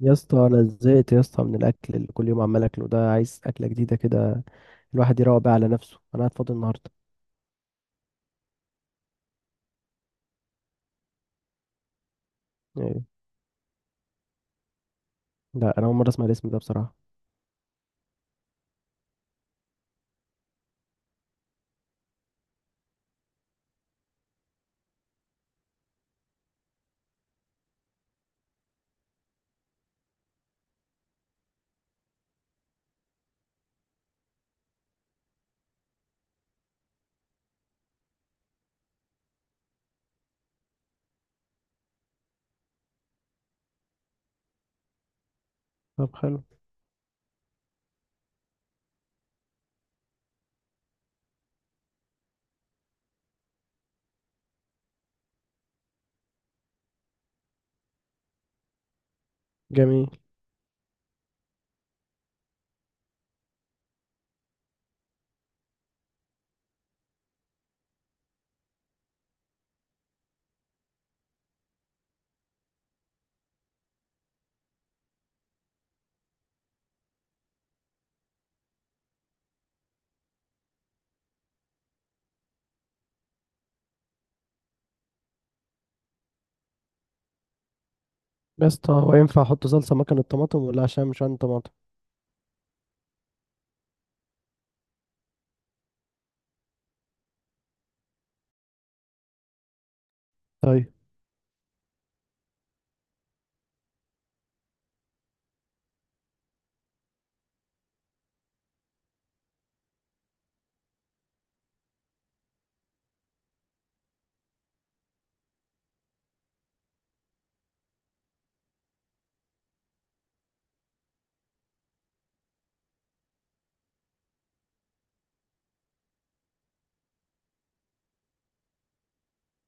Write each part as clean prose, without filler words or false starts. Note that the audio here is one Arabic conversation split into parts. يا اسطى، انا زهقت يا اسطى من الاكل اللي كل يوم عمال اكله ده. عايز اكله جديده كده الواحد يروق بيها على نفسه. انا قاعد فاضي النهارده. إيه؟ لا، انا اول مره اسمع الاسم ده بصراحه. طب، حلو. جميل. يا اسطى، هو ينفع احط صلصه مكان الطماطم ولا؟ عشان مش عندي طماطم. طيب.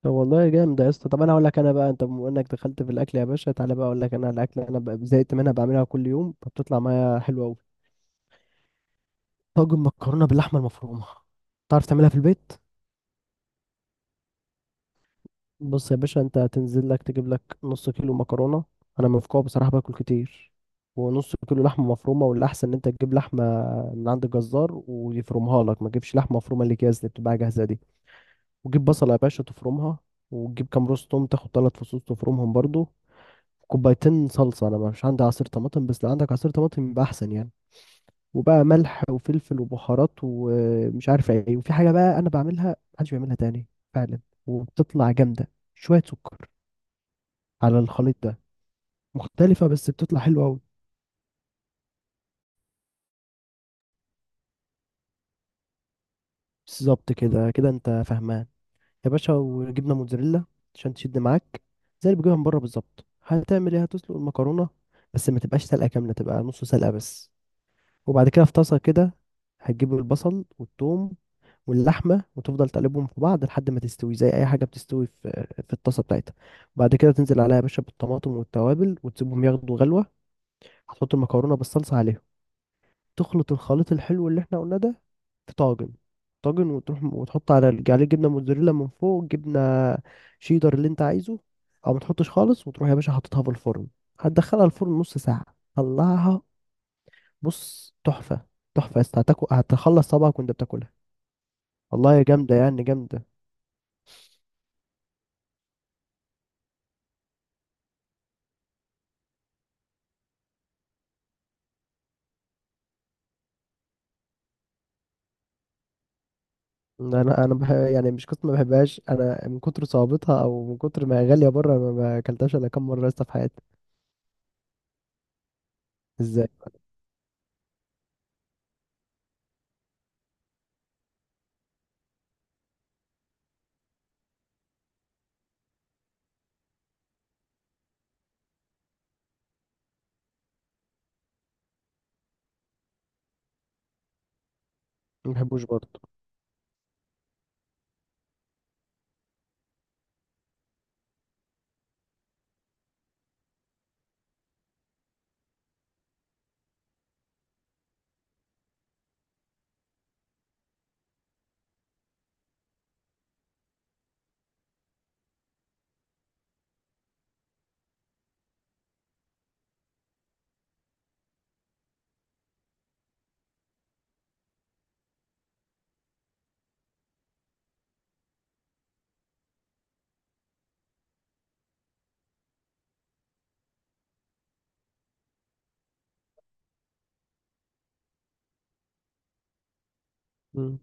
طب والله جامد يا اسطى. طب انا اقول لك انا بقى، انت بما انك دخلت في الاكل يا باشا تعالى بقى اقول لك انا على الاكل. انا بقى زهقت منها، بعملها كل يوم فبتطلع معايا حلوه قوي. طاجن مكرونه باللحمه المفرومه. تعرف تعملها في البيت؟ بص يا باشا، انت هتنزل لك تجيب لك نص كيلو مكرونه. انا من فوق بصراحه باكل كتير. ونص كيلو لحمه مفرومه، والاحسن ان انت تجيب لحمه من عند الجزار ويفرمها لك. ما تجيبش لحمه مفرومه اللي جاهز، اللي بتبقى جاهزه دي. وجيب بصله يا باشا تفرمها. وتجيب كام روز توم، تاخد ثلاث فصوص تفرمهم برضو. كوبايتين صلصه. انا مش عندي عصير طماطم بس لو عندك عصير طماطم يبقى احسن يعني. وبقى ملح وفلفل وبهارات ومش عارف ايه. وفي حاجه بقى انا بعملها محدش بيعملها تاني فعلا، وبتطلع جامده. شويه سكر على الخليط ده، مختلفة بس بتطلع حلوة أوي. بالظبط، كده كده أنت فاهمان. يا باشا، وجبنة موتزاريلا عشان تشد معاك، زي اللي بتجيبها من بره بالظبط. هتعمل إيه؟ هتسلق المكرونة بس ما تبقاش سلقة كاملة، تبقى نص سلقة بس. وبعد كده في طاسة كده هتجيب البصل والثوم واللحمة وتفضل تقلبهم في بعض لحد ما تستوي زي أي حاجة بتستوي في الطاسة بتاعتها. وبعد كده تنزل عليها يا باشا بالطماطم والتوابل وتسيبهم ياخدوا غلوة. هتحط المكرونة بالصلصة عليهم، تخلط الخليط الحلو اللي احنا قلنا ده في طاجن وتروح وتحط على عليه جبنه موتزاريلا من فوق، جبنه شيدر اللي انت عايزه او ما تحطش خالص. وتروح يا باشا حاططها في الفرن، هتدخلها الفرن نص ساعه. طلعها. بص، تحفه. تحفه يا اسطى، هتاكل هتخلص صبعك وانت بتاكلها. والله يا جامده، يعني جامده. انا يعني مش قصة ما بحبهاش. انا من كتر صعوبتها او من كتر ما هي غاليه بره ما اكلتهاش الا كام مره يا اسطى في حياتي. ازاي؟ ما بحبوش برضه. مم.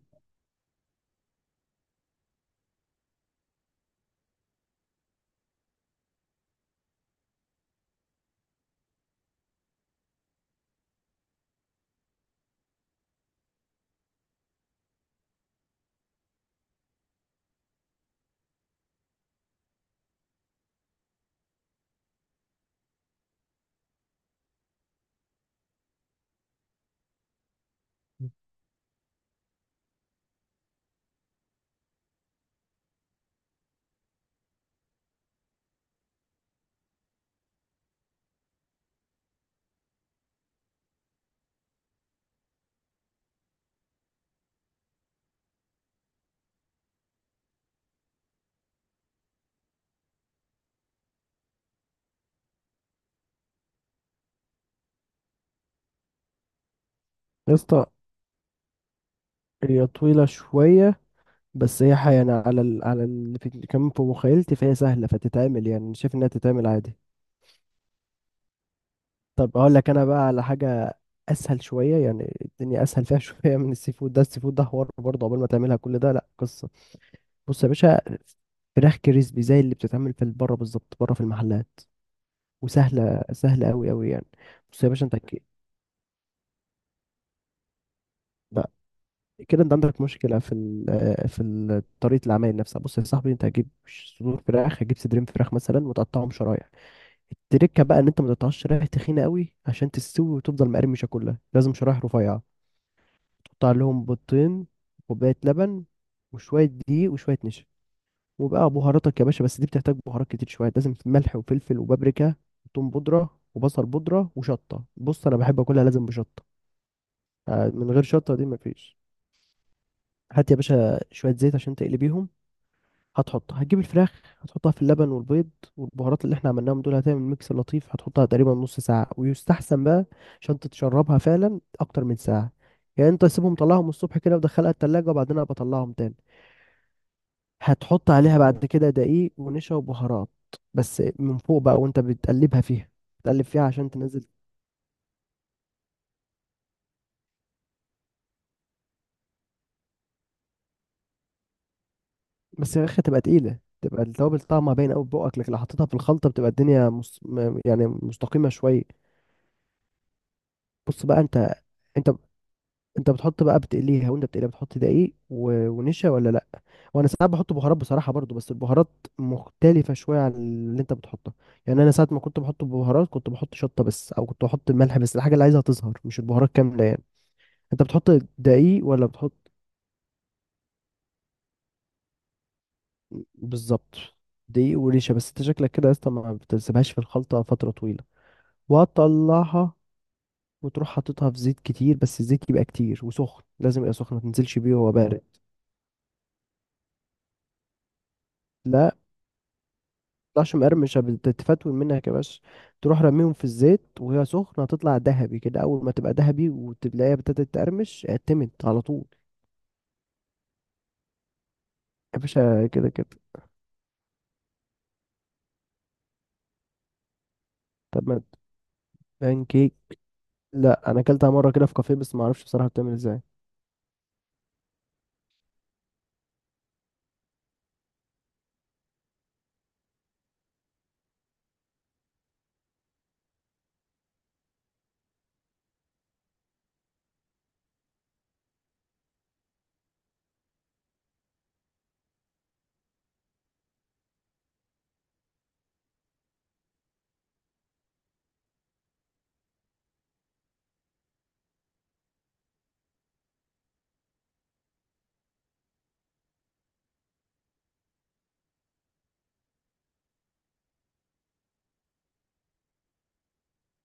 يا اسطى، هي طويلة شوية بس هي يعني على اللي كمان في مخيلتي، فهي سهلة فتتعمل، يعني أنا شايف إنها تتعمل عادي. طب أقول لك أنا بقى على حاجة أسهل شوية، يعني الدنيا أسهل فيها شوية من السي فود ده. السي فود ده حوار برضه، عقبال ما تعملها كل ده لأ قصة. بص يا باشا، فراخ كريسبي زي اللي بتتعمل في بره بالظبط، بره في المحلات. وسهلة، سهلة أوي أوي يعني. بص يا باشا أنت أكيد كده انت عندك مشكله في ال- آه، في ال- طريقه العمايل نفسها. بص يا صاحبي، انت هتجيب صدور فراخ، هتجيب صدرين فراخ مثلا وتقطعهم شرايح. التركه بقى ان انت ما تقطعش شرايح تخينه قوي، عشان تستوي وتفضل مقرمشه كلها لازم شرايح رفيعه. تقطع لهم بيضتين، كوبايه لبن، وشويه دقيق وشويه نشا. وبقى بهاراتك يا باشا، بس دي بتحتاج بهارات كتير شويه، لازم ملح وفلفل وبابريكا وثوم بودره وبصل بودره وشطه. بص، انا بحب اكلها لازم بشطه. آه، من غير شطه دي مفيش. هات يا باشا شويه زيت عشان تقلي بيهم. هتجيب الفراخ، هتحطها في اللبن والبيض والبهارات اللي احنا عملناهم دول، هتعمل ميكس لطيف. هتحطها تقريبا نص ساعة ويستحسن بقى، عشان تتشربها فعلا أكتر من ساعة. يعني انت سيبهم، طلعهم الصبح كده ودخلها التلاجة وبعدين أنا بطلعهم تاني. هتحط عليها بعد كده دقيق ونشا وبهارات بس من فوق بقى، وانت بتقلبها فيها. بتقلب فيها عشان تنزل. بس يا اخي تبقى تقيلة، تبقى التوابل طعمها باين قوي في بقك، لكن لو حطيتها في الخلطة بتبقى الدنيا يعني مستقيمة شوية. بص بقى، انت انت بتحط بقى بتقليها، وانت بتقليها بتحط دقيق ونشا ولا لا؟ وانا ساعات بحط بهارات بصراحه برضو، بس البهارات مختلفه شويه عن اللي انت بتحطها. يعني انا ساعات ما كنت بحط بهارات، كنت بحط شطه بس او كنت بحط ملح بس، الحاجه اللي عايزها تظهر مش البهارات كامله يعني. انت بتحط دقيق ولا بتحط؟ بالظبط، دقيق ونشا. بس انت شكلك كده يا اسطى ما بتسيبهاش في الخلطه فتره طويله. وهتطلعها وتروح حاططها في زيت كتير، بس الزيت يبقى كتير وسخن، لازم يبقى سخن ما تنزلش بيه وهو بارد. لا، تطلعش مقرمشة بتتفتول منك يا باشا. تروح رميهم في الزيت وهي سخنة هتطلع ذهبي كده، أول ما تبقى ذهبي وتلاقيها ابتدت تقرمش اعتمد على طول. يا باشا، كده كده. طب ما، بان كيك. لا، أنا أكلتها مرة كده في كافيه بس ما أعرفش بصراحة بتعمل إزاي.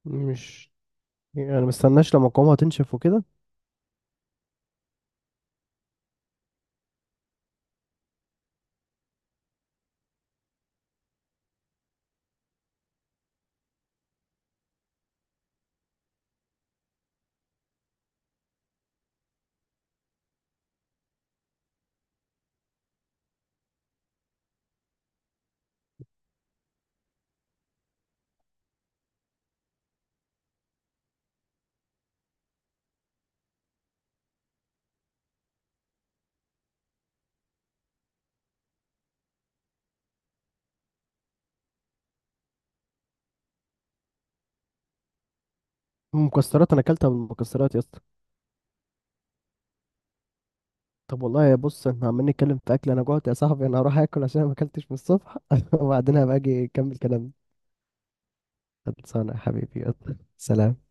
مش يعني أنا مستناش لما قوامها تنشف وكده؟ المكسرات، أنا أكلتها بالمكسرات يا اسطى. طب والله يا، بص احنا عمالين نتكلم في أكل، أنا جوعت يا صاحبي، أنا هروح آكل عشان أنا ما أكلتش من الصبح وبعدين هبقى أجي أكمل كلامي. خلصانة يا حبيبي، يلا. سلام.